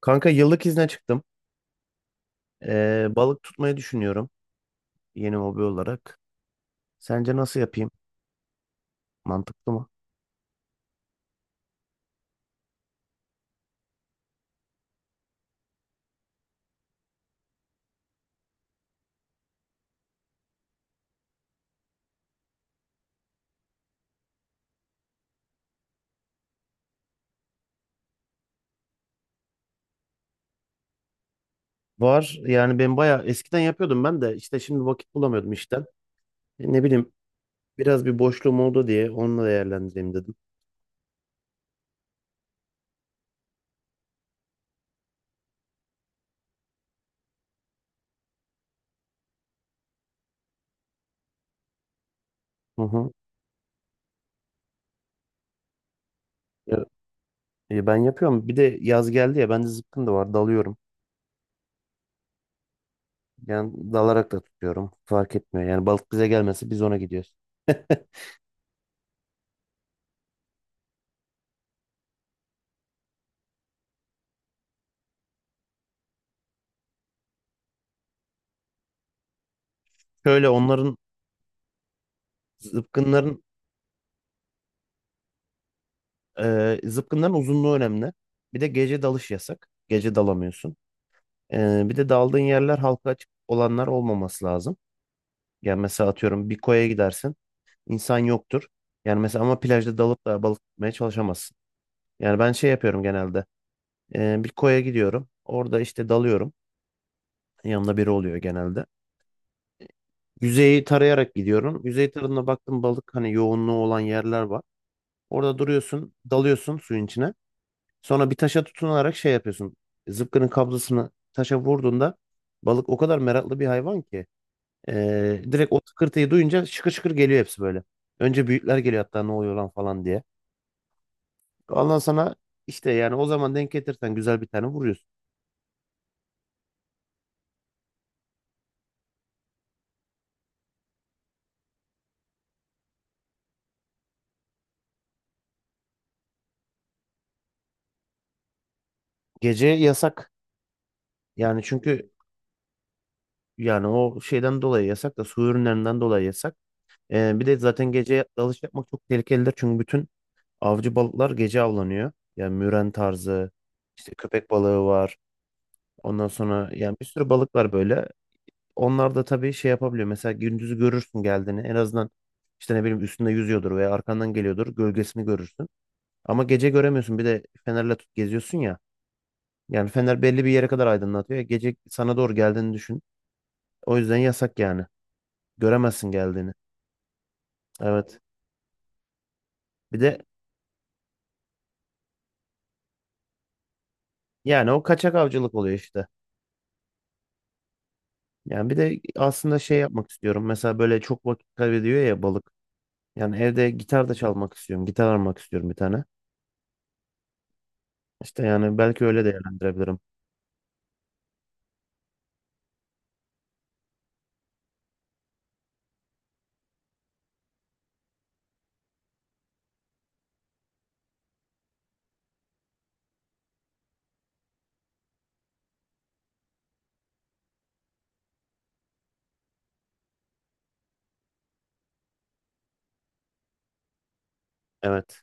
Kanka yıllık izne çıktım. Balık tutmayı düşünüyorum yeni hobi olarak. Sence nasıl yapayım? Mantıklı mı? Var yani ben bayağı eskiden yapıyordum ben de işte şimdi vakit bulamıyordum işten. Ne bileyim biraz bir boşluğum oldu diye onunla değerlendireyim dedim. Hı hı. Ya, ben yapıyorum. Bir de yaz geldi ya bende zıpkın da var dalıyorum. Yani dalarak da tutuyorum. Fark etmiyor. Yani balık bize gelmesi biz ona gidiyoruz. Şöyle onların zıpkınların zıpkınların uzunluğu önemli. Bir de gece dalış yasak. Gece dalamıyorsun. Bir de daldığın yerler halka açık olanlar olmaması lazım. Yani mesela atıyorum bir koya gidersin. İnsan yoktur. Yani mesela ama plajda dalıp da balık tutmaya çalışamazsın. Yani ben şey yapıyorum genelde. Bir koya gidiyorum. Orada işte dalıyorum. Yanımda biri oluyor genelde. Yüzeyi tarayarak gidiyorum. Yüzey tarafına baktım balık hani yoğunluğu olan yerler var. Orada duruyorsun, dalıyorsun suyun içine. Sonra bir taşa tutunarak şey yapıyorsun. Zıpkının kablosunu taşa vurduğunda balık o kadar meraklı bir hayvan ki direkt o tıkırtıyı duyunca şıkır şıkır geliyor hepsi böyle. Önce büyükler geliyor hatta ne oluyor lan falan diye. Ondan sana işte yani o zaman denk getirsen güzel bir tane vuruyorsun. Gece yasak. Yani çünkü Yani o şeyden dolayı yasak da su ürünlerinden dolayı yasak. Bir de zaten gece dalış yapmak çok tehlikelidir. Çünkü bütün avcı balıklar gece avlanıyor. Yani müren tarzı, işte köpek balığı var. Ondan sonra yani bir sürü balık var böyle. Onlar da tabii şey yapabiliyor. Mesela gündüzü görürsün geldiğini. En azından işte ne bileyim üstünde yüzüyordur veya arkandan geliyordur. Gölgesini görürsün. Ama gece göremiyorsun. Bir de fenerle tut geziyorsun ya. Yani fener belli bir yere kadar aydınlatıyor. Gece sana doğru geldiğini düşün. O yüzden yasak yani. Göremezsin geldiğini. Evet. Bir de yani o kaçak avcılık oluyor işte. Yani bir de aslında şey yapmak istiyorum. Mesela böyle çok vakit kaybediyor ya balık. Yani evde gitar da çalmak istiyorum. Gitar almak istiyorum bir tane. İşte yani belki öyle değerlendirebilirim. Evet.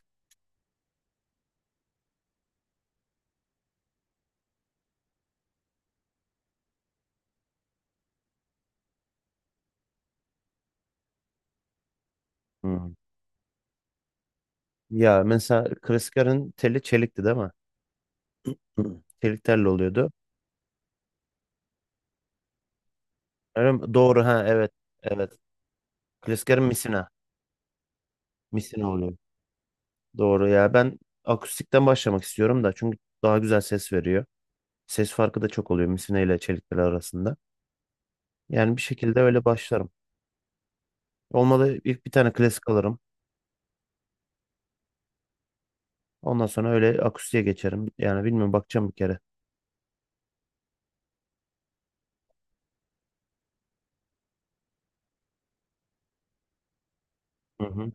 Hmm. Ya mesela Criscar'ın teli çelikti değil mi? Hı. Çelik telli oluyordu. Öyle mi? Doğru ha evet. Evet. Criscar'ın misina. Misina oluyor. Doğru ya ben akustikten başlamak istiyorum da çünkü daha güzel ses veriyor. Ses farkı da çok oluyor misina ile çelik tel arasında. Yani bir şekilde öyle başlarım. Olmadı ilk bir tane klasik alırım. Ondan sonra öyle akustiğe geçerim. Yani bilmiyorum bakacağım bir kere. Hı hı.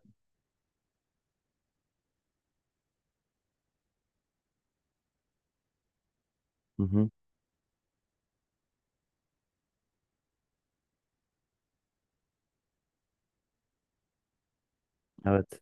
Hı hı. Evet.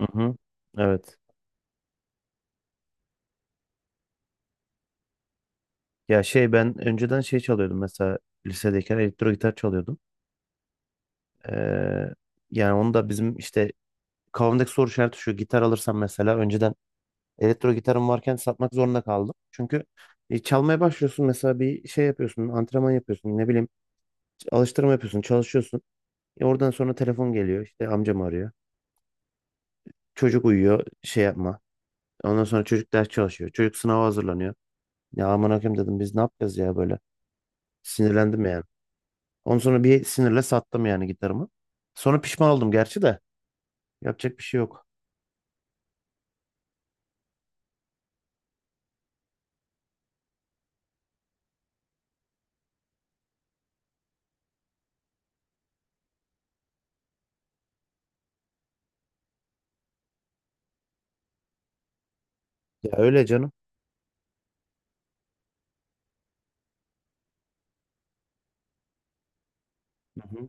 Hı hı. Evet. Ya şey ben önceden şey çalıyordum mesela lisedeyken elektro gitar çalıyordum. Ee, Yani onu da bizim işte kafamdaki soru işareti şu gitar alırsam mesela önceden elektro gitarım varken satmak zorunda kaldım. Çünkü çalmaya başlıyorsun mesela bir şey yapıyorsun antrenman yapıyorsun ne bileyim alıştırma yapıyorsun çalışıyorsun. Oradan sonra telefon geliyor işte amcam arıyor. Çocuk uyuyor şey yapma. Ondan sonra çocuk ders çalışıyor. Çocuk sınava hazırlanıyor. Ya aman hakim dedim biz ne yapacağız ya böyle. Sinirlendim yani. Ondan sonra bir sinirle sattım yani gitarımı. Sonra pişman oldum gerçi de. Yapacak bir şey yok. Ya öyle canım. Hı hı.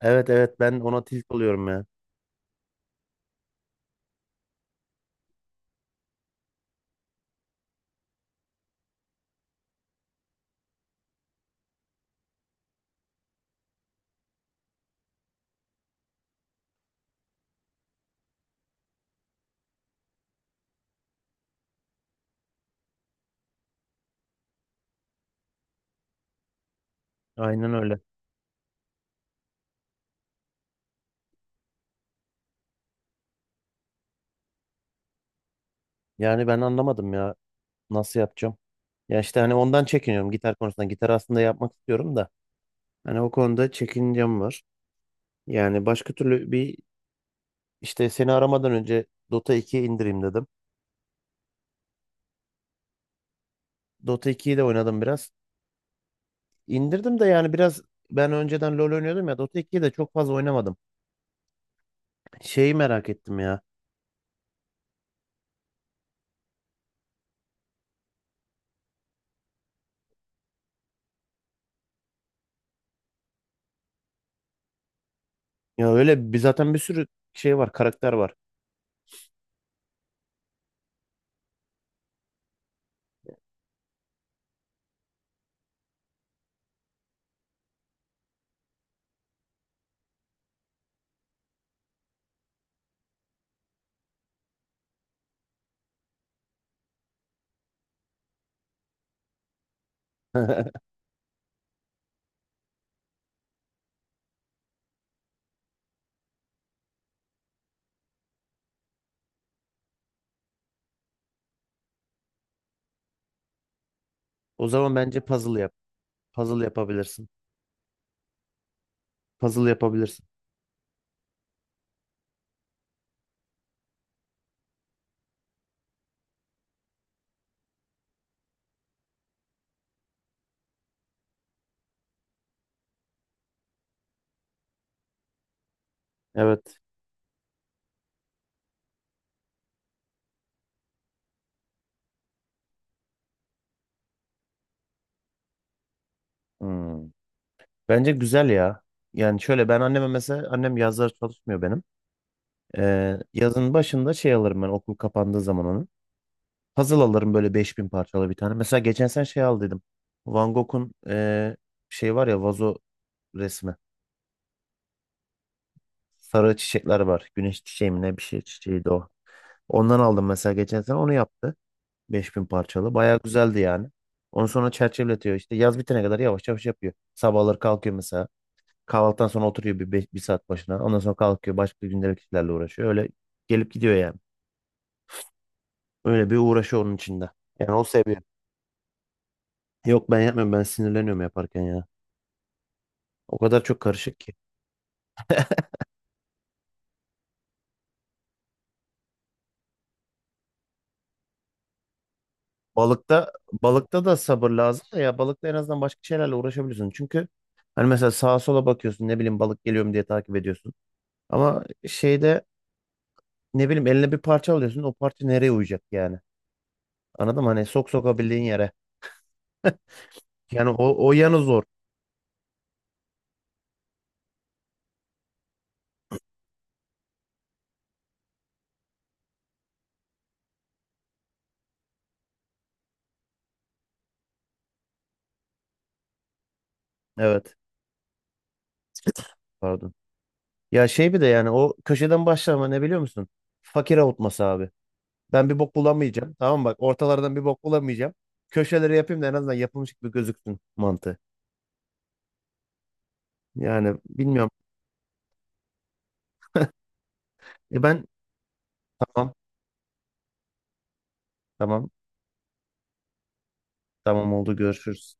Evet, evet, ben ona tilt oluyorum ya. Aynen öyle. Yani ben anlamadım ya nasıl yapacağım. Ya işte hani ondan çekiniyorum gitar konusunda. Gitar aslında yapmak istiyorum da. Hani o konuda çekincem var. Yani başka türlü bir işte seni aramadan önce Dota 2'yi indireyim dedim. Dota 2'yi de oynadım biraz. İndirdim de yani biraz ben önceden LoL oynuyordum ya Dota 2'yi de çok fazla oynamadım. Şeyi merak ettim ya. Ya öyle bir zaten bir sürü şey var, karakter var. O zaman bence puzzle yap. Puzzle yapabilirsin. Puzzle yapabilirsin. Evet. Hmm. Bence güzel ya. Yani şöyle ben anneme mesela annem yazları çalışmıyor benim. Yazın başında şey alırım ben okul kapandığı zaman onu. Puzzle alırım böyle 5.000 parçalı bir tane. Mesela geçen sen şey al dedim. Van Gogh'un şey var ya vazo resmi. Sarı çiçekler var. Güneş çiçeği mi ne bir şey çiçeğiydi o. Ondan aldım mesela geçen sene onu yaptı. 5.000 parçalı. Bayağı güzeldi yani. Onu sonra çerçeveletiyor işte. Yaz bitene kadar yavaş yavaş yapıyor. Sabahları kalkıyor mesela. Kahvaltıdan sonra oturuyor bir, bir saat başına. Ondan sonra kalkıyor. Başka gündelik işlerle uğraşıyor. Öyle gelip gidiyor yani. Öyle bir uğraşı onun içinde. Yani o seviyor. Yok ben yapmıyorum. Ben sinirleniyorum yaparken ya. O kadar çok karışık ki. Balıkta Balıkta da sabır lazım da ya balıkta en azından başka şeylerle uğraşabiliyorsun. Çünkü hani mesela sağa sola bakıyorsun ne bileyim balık geliyor mu diye takip ediyorsun. Ama şeyde ne bileyim eline bir parça alıyorsun o parça nereye uyacak yani? Anladın mı? Hani sok sokabildiğin yere. Yani o yanı zor. Evet. Pardon. Ya şey bir de yani o köşeden başlama ne biliyor musun? Fakir avutması abi. Ben bir bok bulamayacağım. Tamam mı? Bak ortalardan bir bok bulamayacağım. Köşeleri yapayım da en azından yapılmış gibi gözüksün mantığı. Yani bilmiyorum. E ben tamam, tamam, tamam, oldu görüşürüz.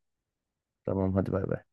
Tamam hadi bay bay.